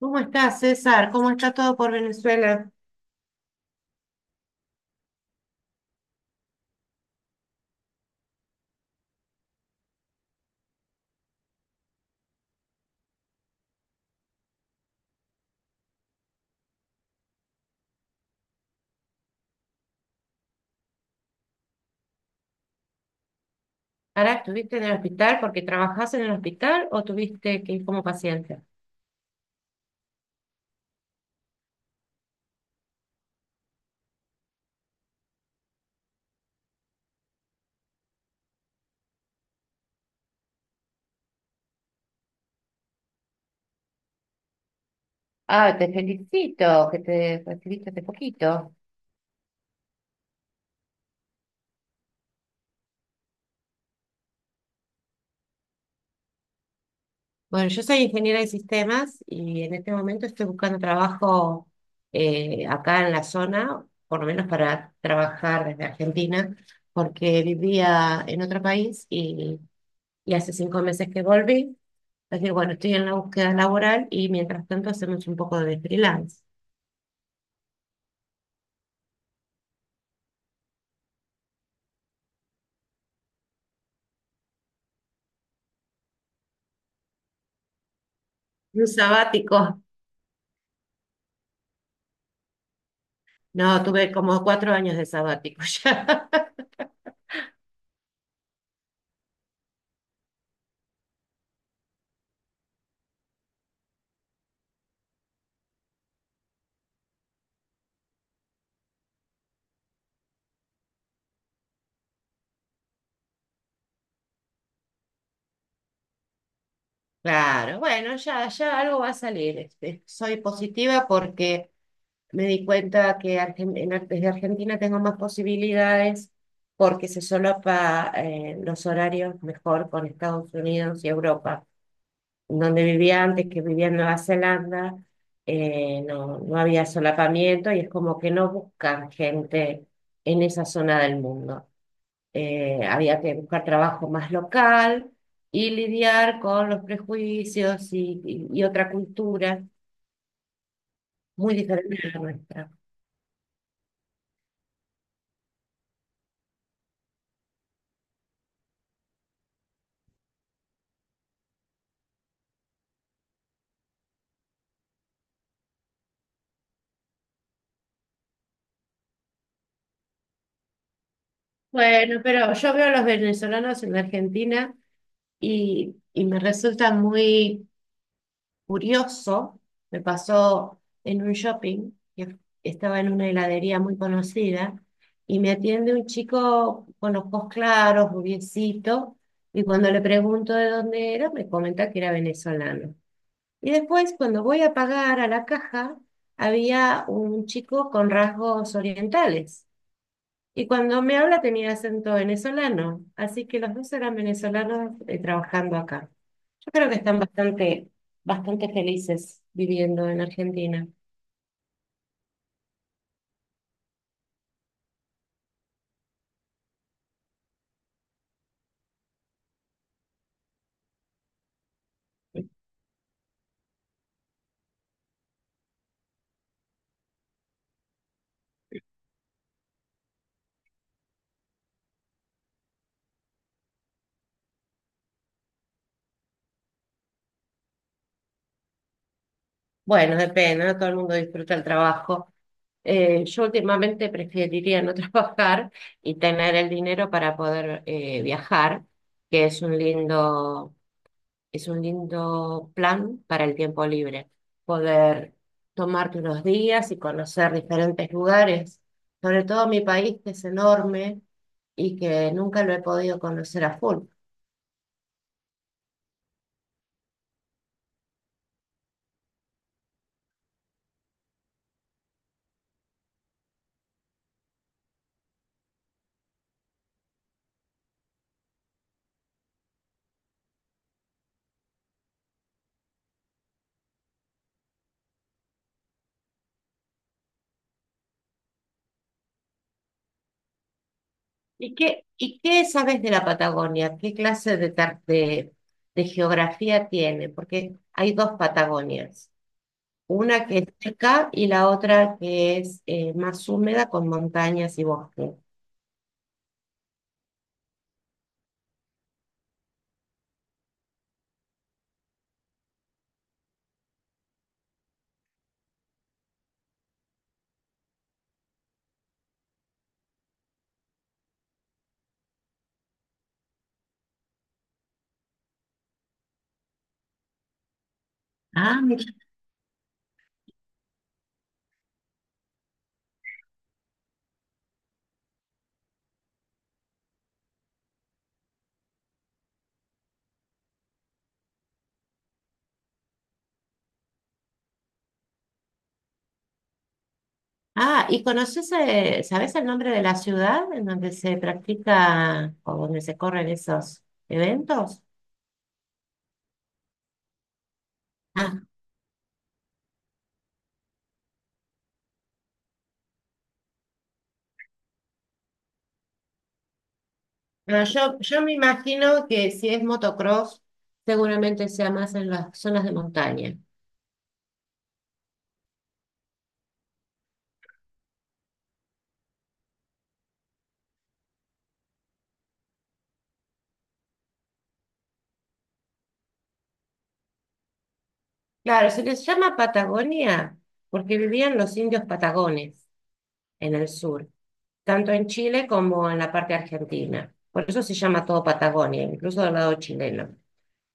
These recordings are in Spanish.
¿Cómo estás, César? ¿Cómo está todo por Venezuela? ¿Ahora estuviste en el hospital porque trabajás en el hospital o tuviste que ir como paciente? Ah, te felicito que te recibiste hace poquito. Bueno, yo soy ingeniera de sistemas y en este momento estoy buscando trabajo acá en la zona, por lo menos para trabajar desde Argentina, porque vivía en otro país y hace 5 meses que volví. Así que bueno, estoy en la búsqueda laboral y mientras tanto hacemos un poco de freelance. Un sabático. No, tuve como 4 años de sabático ya. Claro, bueno, ya, ya algo va a salir. Este, soy positiva porque me di cuenta que desde Argentina tengo más posibilidades porque se solapa los horarios mejor con Estados Unidos y Europa. Donde vivía antes, que vivía en Nueva Zelanda, no, no había solapamiento y es como que no buscan gente en esa zona del mundo. Había que buscar trabajo más local y lidiar con los prejuicios y otra cultura muy diferente a la nuestra. Bueno, pero yo veo a los venezolanos en la Argentina y me resulta muy curioso. Me pasó en un shopping, que estaba en una heladería muy conocida, y me atiende un chico con los ojos claros, rubiecito, y cuando le pregunto de dónde era, me comenta que era venezolano. Y después, cuando voy a pagar a la caja, había un chico con rasgos orientales. Y cuando me habla tenía acento venezolano. Así que los dos eran venezolanos trabajando acá. Yo creo que están bastante felices viviendo en Argentina. Bueno, depende, no todo el mundo disfruta el trabajo. Yo últimamente preferiría no trabajar y tener el dinero para poder viajar, que es un lindo Es un lindo plan para el tiempo libre, poder tomarte unos días y conocer diferentes lugares, sobre todo mi país que es enorme y que nunca lo he podido conocer a full. Y qué sabes de la Patagonia? ¿Qué clase de, de geografía tiene? Porque hay dos Patagonias, una que es seca y la otra que es más húmeda con montañas y bosque. Ah. Ah, ¿y conoces, sabes el nombre de la ciudad en donde se practica o donde se corren esos eventos? Ah, ah, yo me imagino que si es motocross, seguramente sea más en las zonas de montaña. Claro, se les llama Patagonia porque vivían los indios patagones en el sur, tanto en Chile como en la parte argentina. Por eso se llama todo Patagonia, incluso del lado chileno.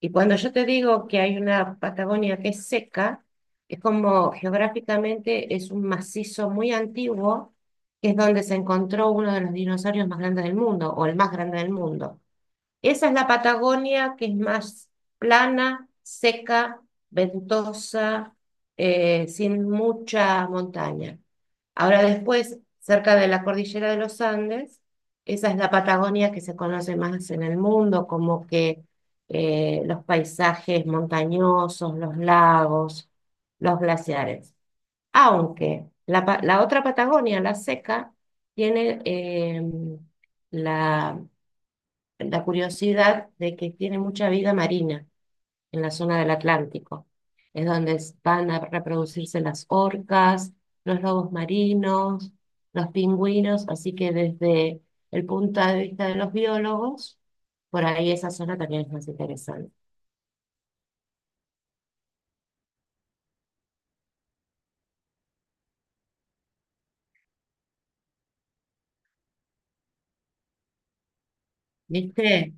Y cuando yo te digo que hay una Patagonia que es seca, es como geográficamente es un macizo muy antiguo, que es donde se encontró uno de los dinosaurios más grandes del mundo, o el más grande del mundo. Esa es la Patagonia, que es más plana, seca, ventosa, sin mucha montaña. Ahora después, cerca de la cordillera de los Andes, esa es la Patagonia que se conoce más en el mundo, como que los paisajes montañosos, los lagos, los glaciares. Aunque la otra Patagonia, la seca, tiene la la curiosidad de que tiene mucha vida marina en la zona del Atlántico. Es donde van a reproducirse las orcas, los lobos marinos, los pingüinos, así que desde el punto de vista de los biólogos, por ahí esa zona también es más interesante. ¿Viste?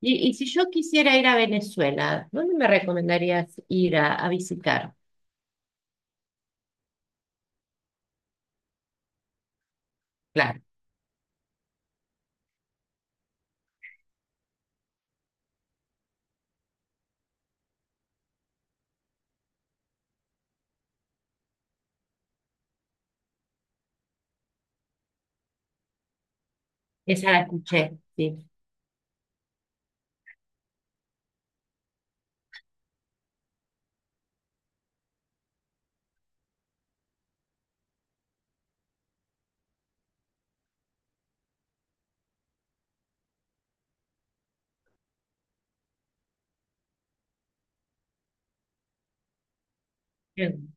Y si yo quisiera ir a Venezuela, ¿dónde me recomendarías ir a visitar? Claro, esa la escuché, sí. Bien.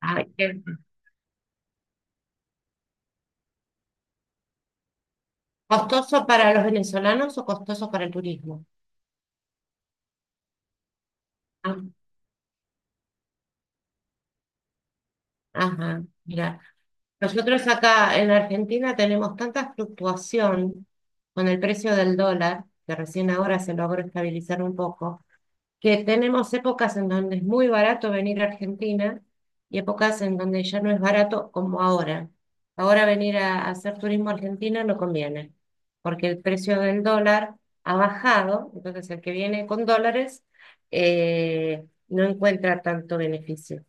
Ay, qué- ¿Costoso para los venezolanos o costoso para el turismo? Ah. Ajá, mira, nosotros acá en Argentina tenemos tanta fluctuación con el precio del dólar, que recién ahora se logró estabilizar un poco, que tenemos épocas en donde es muy barato venir a Argentina y épocas en donde ya no es barato como ahora. Ahora venir a hacer turismo a Argentina no conviene, porque el precio del dólar ha bajado, entonces el que viene con dólares no encuentra tanto beneficio.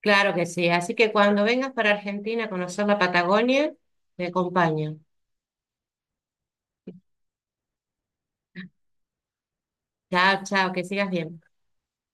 Claro que sí. Así que cuando vengas para Argentina a conocer la Patagonia, te acompaño. Chao, chao, que sigas bien.